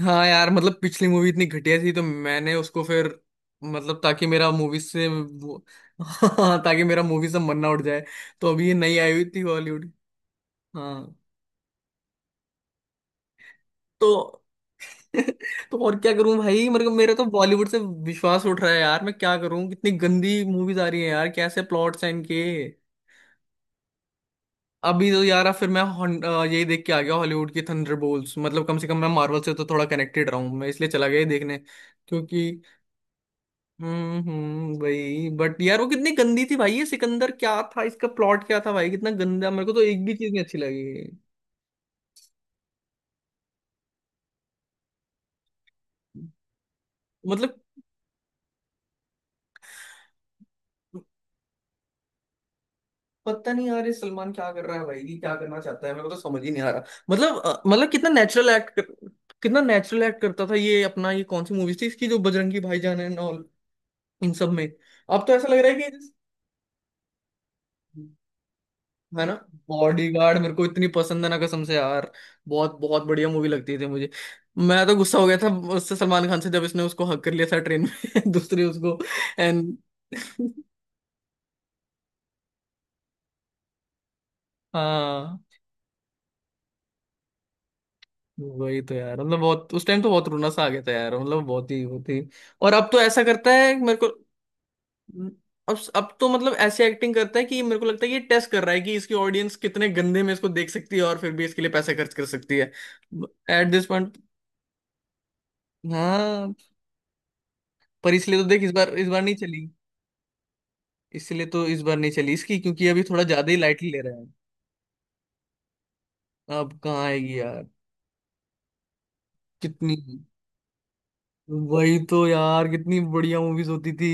हाँ यार, मतलब पिछली मूवी इतनी घटिया थी तो मैंने उसको फिर मतलब ताकि मेरा मूवी से हाँ, ताकि मेरा मूवी से मन ना उठ जाए। तो अभी ये नई आई हुई थी बॉलीवुड। हाँ। तो तो और क्या करूं भाई, मेरे को मेरा तो बॉलीवुड से विश्वास उठ रहा है यार। मैं क्या करूं, कितनी गंदी मूवीज आ रही है यार, कैसे प्लॉट्स हैं इनके। अभी तो यार, अब फिर मैं यही देख के आ गया, हॉलीवुड की थंडरबोल्ट्स। मतलब कम से कम मैं मार्वल से तो थोड़ा कनेक्टेड रहा हूं, मैं इसलिए चला गया ये देखने। क्योंकि वही बट यार वो कितनी गंदी थी भाई। ये सिकंदर क्या था, इसका प्लॉट क्या था भाई, कितना गंदा। मेरे को तो एक भी चीज नहीं अच्छी लगी। मतलब पता नहीं यार, ये सलमान क्या कर रहा है भाई, ये क्या करना चाहता है, मेरे को तो समझ ही नहीं आ रहा। मतलब कितना नेचुरल कितना नेचुरल एक्ट करता था ये अपना। ये कौन सी मूवी थी इसकी, जो बजरंगी भाईजान एंड ऑल, इन सब में। अब तो ऐसा लग रहा है कि, है ना, बॉडीगार्ड मेरे को इतनी पसंद है ना, कसम से यार। बहुत बहुत बढ़िया मूवी लगती थी मुझे। मैं तो गुस्सा हो गया था उससे, सलमान खान से, जब इसने उसको हक कर लिया था ट्रेन में दूसरी उसको एंड हाँ, वही तो यार। मतलब बहुत, उस टाइम तो बहुत रोना सा आ गया था यार, मतलब बहुत ही वो थी। और अब तो ऐसा करता है मेरे को। अब तो मतलब ऐसी एक्टिंग करता है कि मेरे को लगता है कि ये टेस्ट कर रहा है कि इसकी ऑडियंस कितने गंदे में इसको देख सकती है, और फिर भी इसके लिए पैसे खर्च कर सकती है। At this point. हाँ, पर इसलिए तो देख, इस बार नहीं चली। इसलिए तो इस बार नहीं चली इसकी, क्योंकि अभी थोड़ा ज्यादा ही लाइटली ले रहे हैं। अब कहाँ आएगी यार। कितनी, वही तो यार, कितनी बढ़िया मूवीज होती थी।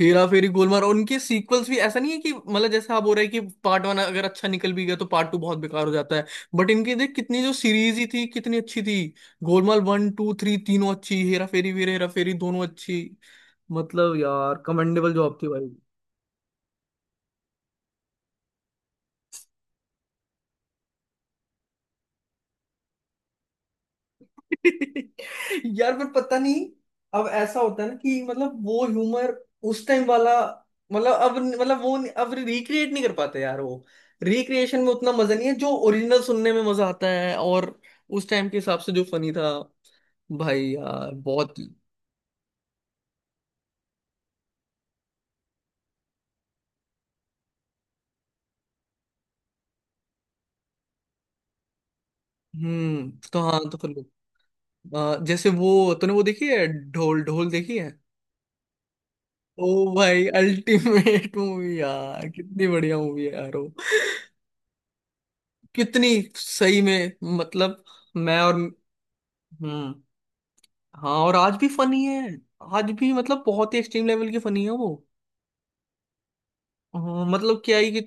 हेरा फेरी, गोलमाल और उनके सीक्वल्स भी ऐसा नहीं है कि, मतलब जैसा आप बोल रहे हैं कि पार्ट 1 अगर अच्छा निकल भी गया तो पार्ट 2 बहुत बेकार हो जाता है। बट इनकी देख कितनी, जो सीरीज ही थी कितनी अच्छी थी। गोलमाल 1 2 3 तीनों अच्छी, हेरा फेरी, वीर हेरा फेरी दोनों अच्छी। मतलब यार, कमेंडेबल जॉब थी भाई। यार पर पता नहीं, अब ऐसा होता है ना कि मतलब वो ह्यूमर, उस टाइम वाला, मतलब अब मतलब वो नहीं- अब रिक्रिएट नहीं कर पाते यार वो। रिक्रिएशन में उतना मजा नहीं है जो ओरिजिनल सुनने में मजा आता है। और उस टाइम के हिसाब से जो फनी था, भाई यार बहुत। तो हाँ, तो फिर जैसे वो, तूने वो देखी है, ढोल ढोल देखी है। ओ भाई, अल्टीमेट मूवी यार, कितनी बढ़िया मूवी है यार वो। कितनी, सही में, मतलब, मैं और हम्म हाँ, और आज भी फनी है। आज भी मतलब बहुत ही एक्सट्रीम लेवल की फनी है वो। हाँ, मतलब क्या ही कि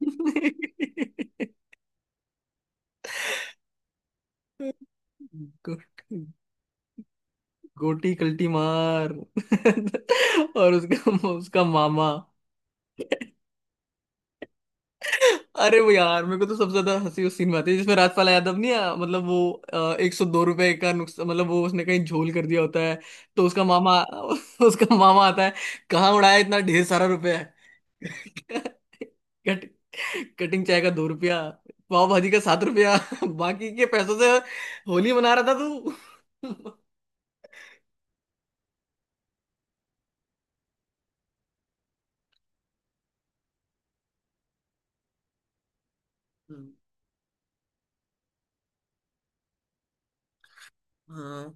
गोटी कल्टी मार और उसका, उसका मामा। अरे वो यार, मेरे को तो सबसे ज्यादा हंसी उस सीन में आती है जिसमें राजपाल यादव, नहीं आ, मतलब वो 102 रुपए का नुकसान, मतलब वो उसने कहीं झोल कर दिया होता है। तो उसका मामा उसका मामा आता है। कहाँ उड़ाया इतना ढेर सारा रुपया कट, कटिंग चाय का 2 रुपया, पाव भाजी का 7 रुपया बाकी के पैसों से होली मना रहा था तू। हाँ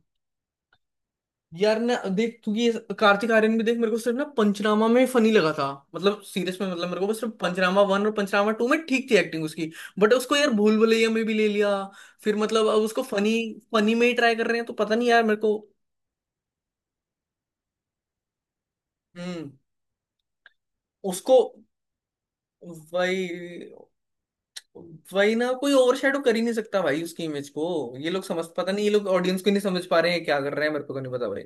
यार, ना देख तू ये, कार्तिक आर्यन भी देख। मेरे को सिर्फ ना पंचनामा में फनी लगा था। मतलब सीरियस में, मतलब मेरे को वो सिर्फ पंचनामा 1 और पंचनामा 2 में ठीक थी एक्टिंग उसकी। बट उसको यार भूल भुलैया में भी ले लिया, फिर मतलब अब उसको फनी, फनी में ही ट्राई कर रहे हैं। तो पता नहीं यार मेरे को। हम्म। उसको वही, वही ना, कोई ओवरशैडो कर ही नहीं सकता भाई उसकी इमेज को। ये लोग समझ, पता नहीं ये लोग ऑडियंस को नहीं समझ पा रहे हैं, क्या कर रहे हैं, मेरे को तो नहीं पता भाई।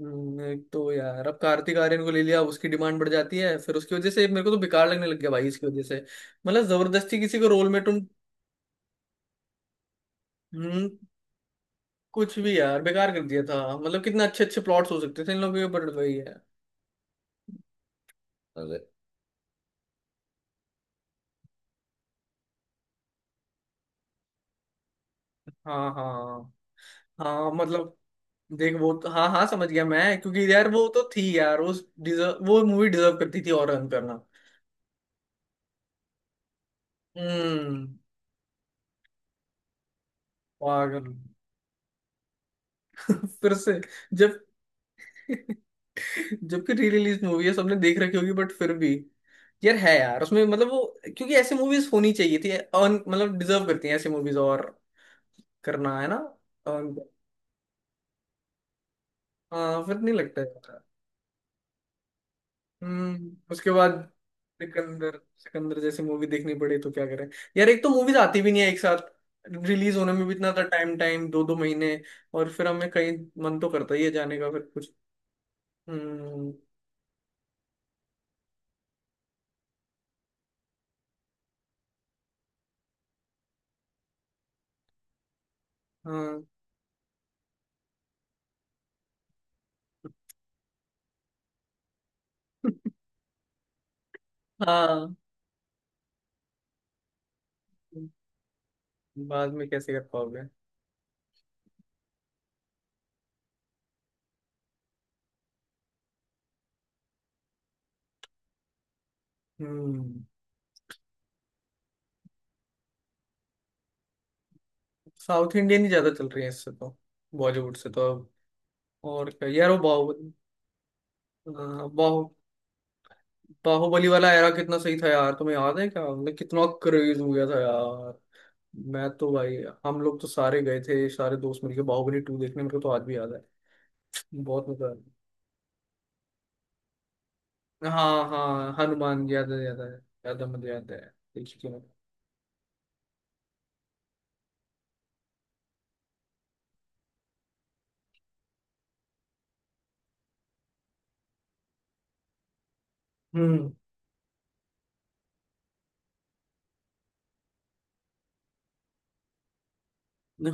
एक तो यार अब कार्तिक आर्यन को ले लिया, अब उसकी डिमांड बढ़ जाती है, फिर उसकी वजह से मेरे को तो बेकार लगने लग गया भाई इसकी वजह से। मतलब जबरदस्ती किसी को रोल में तुम। हम्म, कुछ भी यार बेकार कर दिया था। मतलब कितने अच्छे अच्छे प्लॉट्स हो सकते थे इन लोगों के ऊपर, वही है। अरे हाँ हाँ हाँ, मतलब देख वो तो, हाँ हाँ समझ गया मैं। क्योंकि यार वो तो थी यार, उस डिजर्व, वो मूवी डिजर्व करती थी, और रन करना। हम्म, पागल फिर से जब जबकि री रिलीज मूवी है, सबने देख रखी होगी, बट फिर भी। यार है यार उसमें, मतलब वो, क्योंकि ऐसी मूवीज होनी चाहिए थी अर्न, मतलब डिजर्व करती हैं ऐसी मूवीज, और करना है ना। earn- हाँ फिर नहीं लगता है यार। उसके बाद, सिकंदर सिकंदर जैसी मूवी देखनी पड़े तो क्या करें। यार, एक तो मूवीज आती भी नहीं है एक साथ, रिलीज होने में भी इतना टाइम, टाइम दो दो महीने। और फिर हमें कहीं, मन तो करता ही है जाने का, फिर कुछ। हम्म, हाँ। हाँ, बाद में कैसे कर पाओगे। हम्म, साउथ इंडियन ही ज्यादा चल रही है इससे तो। बॉलीवुड से तो अब, और क्या यार। वो बाहुबली, अ, बाहु बाहुबली वाला एरा कितना सही था यार, तुम्हें याद है क्या? मतलब कितना क्रेज हो गया था यार। मैं तो भाई, हम लोग तो सारे गए थे, सारे दोस्त मिलके बाहुबली 2 देखने, मेरे को तो आज भी याद है। बहुत मजा आया। हाँ हाँ, हनुमान याद है याद है। याद है, मुझे याद है, देखी थी मैंने। हम्म।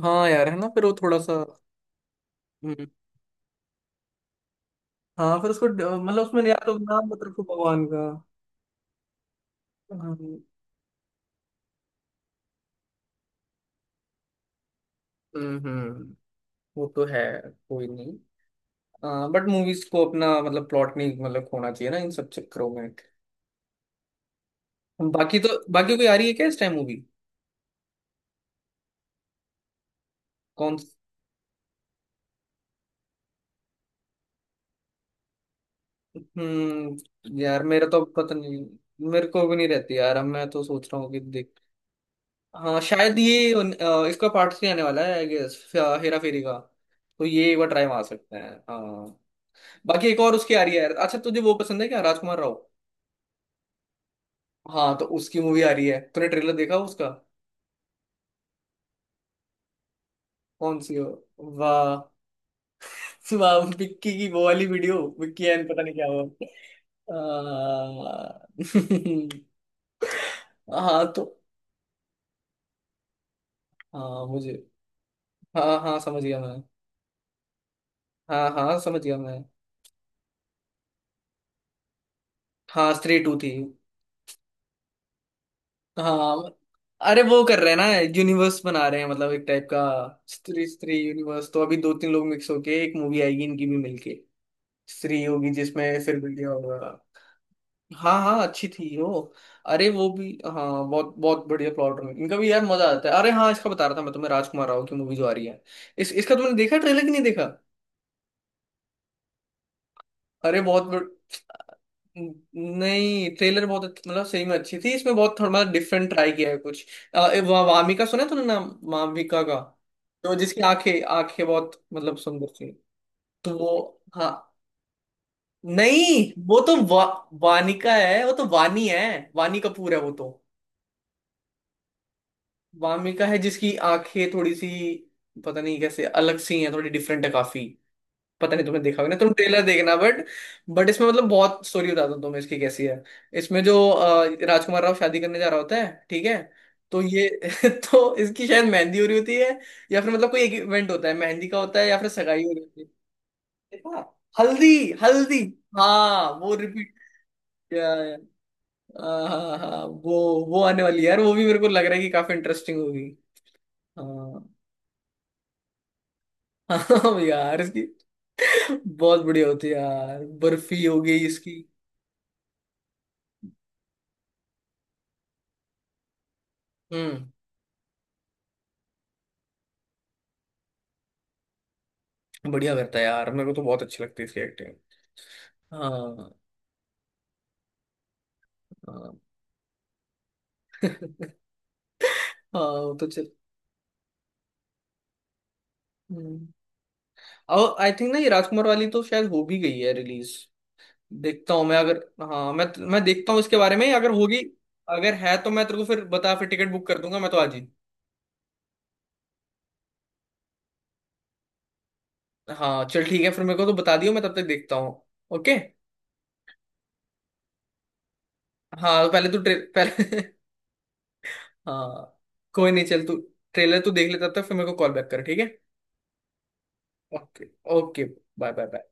हाँ यार, है ना, फिर वो थोड़ा सा। हम्म, हाँ, फिर उसको मतलब उसमें याद, तो नाम मत रखो भगवान का। हाँ, हम्म, वो तो है। कोई नहीं, बट मूवीज को अपना मतलब प्लॉट नहीं, मतलब खोना चाहिए ना इन सब चक्करों में। बाकी तो, बाकी कोई आ रही है क्या इस टाइम मूवी? कौन? हम्म, यार मेरा तो अब पता नहीं। मेरे को भी नहीं रहती यार, अब मैं तो सोच रहा हूँ कि देख। हाँ, शायद ये इसका पार्ट 3 आने वाला है, आई गेस, हेरा फेरी का। तो ये एक बार ट्राई मार सकते हैं, हाँ। बाकी एक और उसकी आ रही है यार। अच्छा, तुझे वो पसंद है क्या, राजकुमार राव? हाँ, तो उसकी मूवी आ रही है, तूने ट्रेलर देखा उसका? कौन सी हो? वाह वाह, विक्की की वो वाली वीडियो, विक्की एंड पता नहीं क्या हुआ। आ, हाँ तो, हाँ मुझे, हाँ हाँ समझ गया मैं, हाँ हाँ समझ गया मैं। हाँ स्त्री 2 थी। हाँ, अरे वो कर रहे हैं ना, यूनिवर्स बना रहे हैं, मतलब एक टाइप का, स्त्री, स्त्री यूनिवर्स। तो अभी दो तीन लोग मिक्स होके एक मूवी आएगी इनकी भी मिलके, स्त्री होगी जिसमें फिर बिल्डिया होगा। हाँ हाँ, अच्छी थी वो। अरे वो भी, हाँ बहुत बहुत बढ़िया प्लॉट है इनका भी यार, मजा आता है। अरे हाँ, इसका बता रहा था मैं तुम्हें, राजकुमार राव की मूवी जो आ रही है, इस इसका तुमने देखा ट्रेलर कि नहीं देखा? अरे बहुत बड़... नहीं, ट्रेलर बहुत मतलब सही में अच्छी थी। इसमें बहुत थोड़ा डिफरेंट ट्राई किया है कुछ। वामिका, सुना है तूने नाम वामिका का? तो जिसकी आंखें, आंखें बहुत मतलब सुंदर थी। तो वो, हाँ, नहीं वो तो वानिका है वो तो, वानी है, वानी कपूर है वो तो। वामिका है जिसकी आंखें थोड़ी सी, पता नहीं कैसे अलग सी हैं, थोड़ी डिफरेंट है काफी। पता नहीं तुमने देखा होगा ना, तुम ट्रेलर देखना, बट इसमें मतलब बहुत, स्टोरी बताता हूँ तुम्हें इसकी कैसी है। इसमें जो राजकुमार राव शादी करने जा रहा होता है ठीक है। तो ये तो इसकी शायद मेहंदी हो रही होती है, या फिर मतलब कोई एक इवेंट होता है, मेहंदी का होता है, या फिर सगाई हो रही होती है। देखा? हल्दी, हल्दी, हाँ वो रिपीट किया है। हाँ हाँ हाँ, वो आने वाली है यार, वो भी मेरे को लग रहा है कि काफी इंटरेस्टिंग होगी। हाँ, हाँ यार इसकी बहुत बढ़िया होती है यार, बर्फी हो गई इसकी। हम्म, बढ़िया करता है यार, मेरे को तो बहुत अच्छी लगती है इसकी एक्टिंग। हाँ, हाँ हाँ, वो तो चल, हम्म। और आई थिंक ना, ये राजकुमार वाली तो शायद हो भी गई है रिलीज। देखता हूँ मैं अगर, हाँ मैं देखता हूँ इसके बारे में अगर होगी। अगर है तो मैं तेरे को फिर बता, फिर टिकट बुक कर दूंगा मैं तो आज ही। हाँ चल ठीक है, फिर मेरे को तो बता दियो, मैं तब तक देखता हूँ। ओके। हाँ तो पहले तू ट्रे पहले हाँ कोई नहीं, चल तू ट्रेलर तू देख ले, तब तक फिर मेरे को कॉल बैक कर, ठीक है। Okay, okay, bye bye bye.